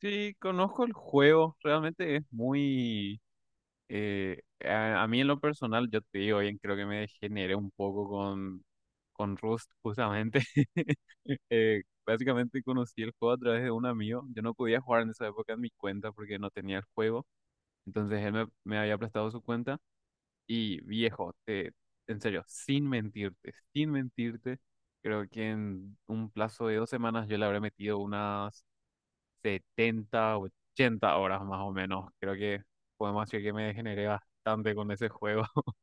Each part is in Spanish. Sí, conozco el juego, realmente es muy. A mí en lo personal, yo te digo, bien, creo que me degeneré un poco con Rust, justamente. Básicamente conocí el juego a través de un amigo. Yo no podía jugar en esa época en mi cuenta porque no tenía el juego. Entonces él me había prestado su cuenta y viejo, en serio, sin mentirte, sin mentirte, creo que en un plazo de 2 semanas yo le habré metido unas 70, 80 horas más o menos. Creo que podemos decir que me degeneré bastante con ese juego.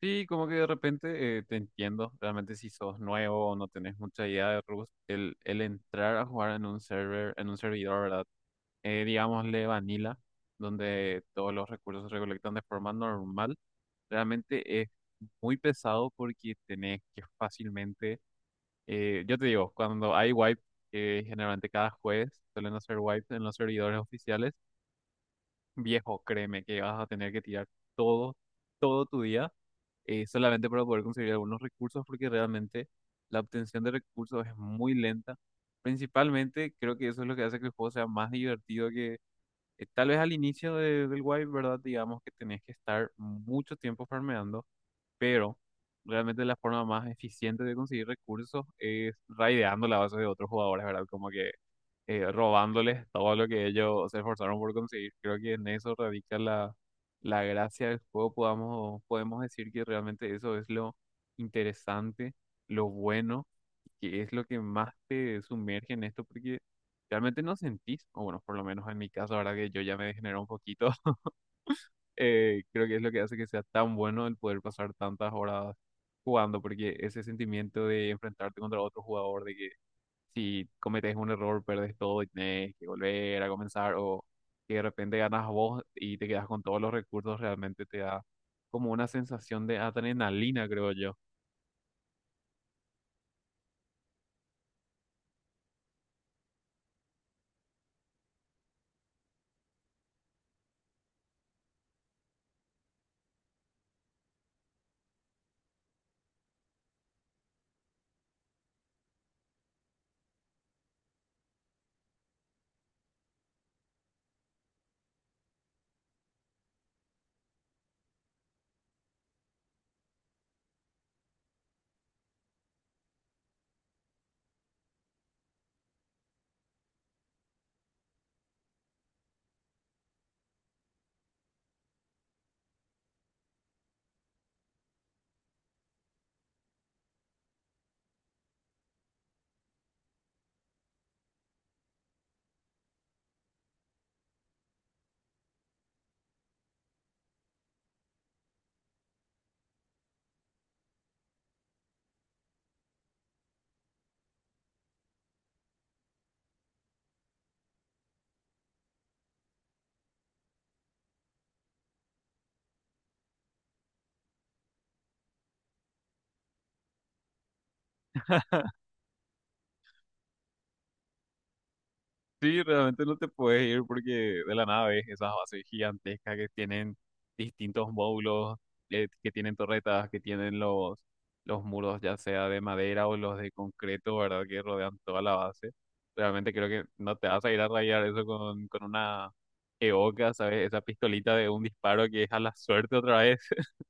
Sí, como que de repente te entiendo, realmente si sos nuevo o no tenés mucha idea de Rust, el entrar a jugar en un server, en un servidor, ¿verdad? Digámosle vanilla, donde todos los recursos se recolectan de forma normal, realmente es muy pesado porque tenés que fácilmente. Yo te digo, cuando hay wipe, generalmente cada jueves suelen hacer wipes en los servidores oficiales. Viejo, créeme que vas a tener que tirar todo, todo tu día solamente para poder conseguir algunos recursos porque realmente la obtención de recursos es muy lenta. Principalmente creo que eso es lo que hace que el juego sea más divertido que tal vez al inicio del wipe, ¿verdad? Digamos que tenés que estar mucho tiempo farmeando, pero realmente la forma más eficiente de conseguir recursos es raideando la base de otros jugadores, ¿verdad? Como que robándoles todo lo que ellos se esforzaron por conseguir. Creo que en eso radica la gracia del juego. Podemos decir que realmente eso es lo interesante, lo bueno, que es lo que más te sumerge en esto, porque realmente no sentís, o bueno, por lo menos en mi caso, ahora que yo ya me degeneré un poquito creo que es lo que hace que sea tan bueno el poder pasar tantas horas jugando, porque ese sentimiento de enfrentarte contra otro jugador, de que si cometes un error, perdes todo y tenés que volver a comenzar, o que de repente ganas vos y te quedas con todos los recursos, realmente te da como una sensación de adrenalina, creo yo. Sí, realmente no te puedes ir porque de la nada ves esas bases gigantescas que tienen distintos módulos, que tienen torretas, que tienen los muros ya sea de madera o los de concreto, ¿verdad? Que rodean toda la base. Realmente creo que no te vas a ir a rayar eso con una EOKA, ¿sabes? Esa pistolita de un disparo que es a la suerte otra vez.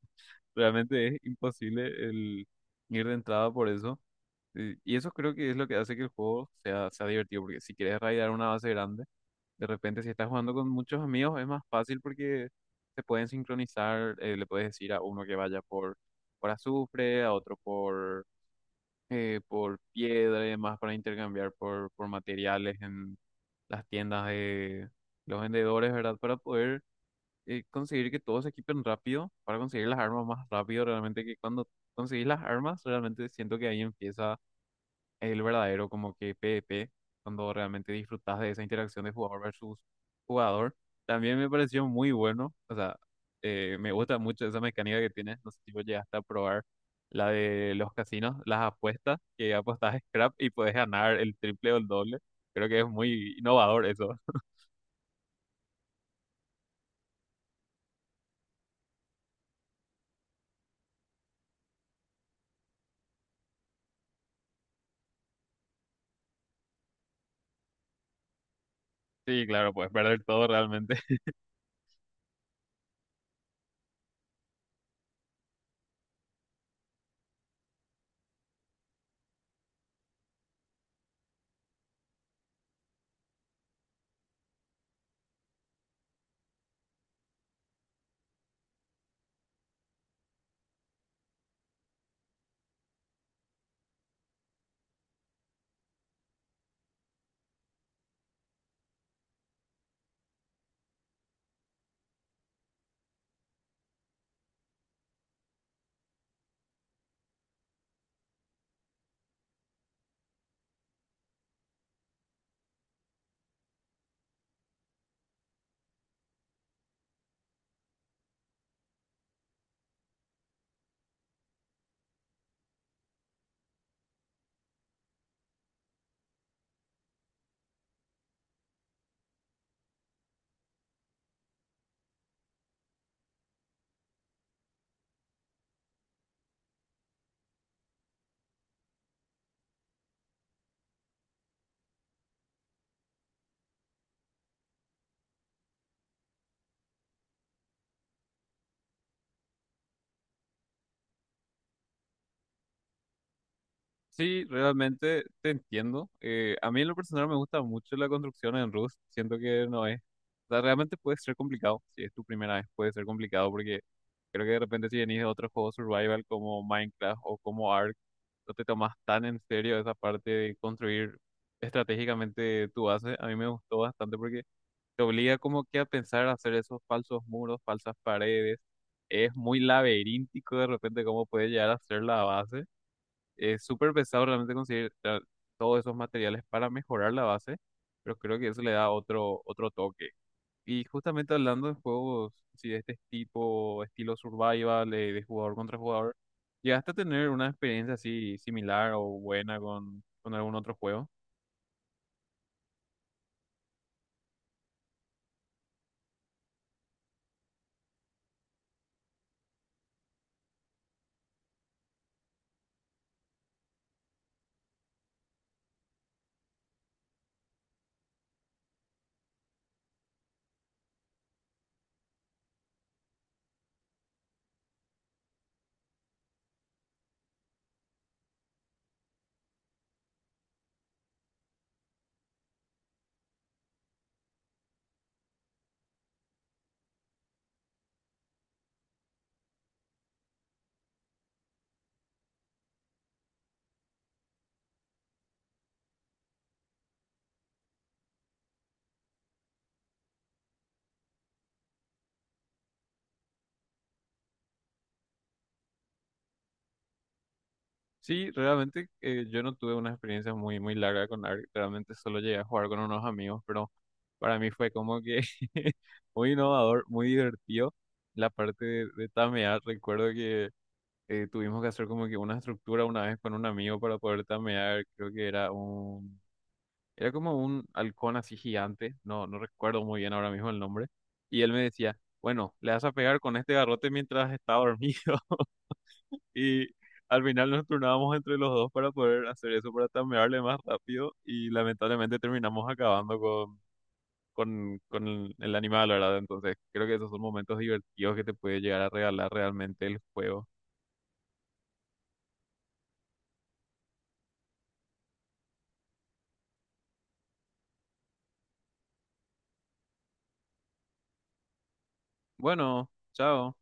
Realmente es imposible el ir de entrada por eso. Y eso creo que es lo que hace que el juego sea divertido, porque si quieres raidar una base grande, de repente si estás jugando con muchos amigos es más fácil porque se pueden sincronizar, le puedes decir a uno que vaya por, azufre, a otro por piedra y demás para intercambiar por materiales en las tiendas de los vendedores, ¿verdad? Para poder conseguir que todos se equipen rápido, para conseguir las armas más rápido, realmente que cuando conseguís las armas, realmente siento que ahí empieza el verdadero como que PvP, cuando realmente disfrutas de esa interacción de jugador versus jugador. También me pareció muy bueno, o sea, me gusta mucho esa mecánica que tienes, no sé si vos llegaste a probar la de los casinos, las apuestas, que apostas scrap y puedes ganar el triple o el doble. Creo que es muy innovador eso. Sí, claro, puedes perder todo realmente. Sí, realmente te entiendo. A mí en lo personal me gusta mucho la construcción en Rust. Siento que no es. O sea, realmente puede ser complicado. Si es tu primera vez, puede ser complicado porque creo que de repente si venís de otros juegos survival como Minecraft o como Ark, no te tomas tan en serio esa parte de construir estratégicamente tu base. A mí me gustó bastante porque te obliga como que a pensar a hacer esos falsos muros, falsas paredes. Es muy laberíntico de repente cómo puede llegar a ser la base. Es súper pesado realmente conseguir todos esos materiales para mejorar la base, pero creo que eso le da otro toque. Y justamente hablando de juegos así de este tipo, estilo survival, jugador contra jugador, ¿llegaste a tener una experiencia así similar o buena con algún otro juego? Sí, realmente yo no tuve una experiencia muy, muy larga con ARK, realmente solo llegué a jugar con unos amigos, pero para mí fue como que muy innovador, muy divertido. La parte de tamear, recuerdo que tuvimos que hacer como que una estructura una vez con un amigo para poder tamear, creo que era como un halcón así gigante, no, no recuerdo muy bien ahora mismo el nombre, y él me decía, bueno, le vas a pegar con este garrote mientras está dormido. Y al final nos turnábamos entre los dos para poder hacer eso, para tamearle más rápido. Y lamentablemente terminamos acabando con el animal, ¿verdad? Entonces creo que esos son momentos divertidos que te puede llegar a regalar realmente el juego. Bueno, chao.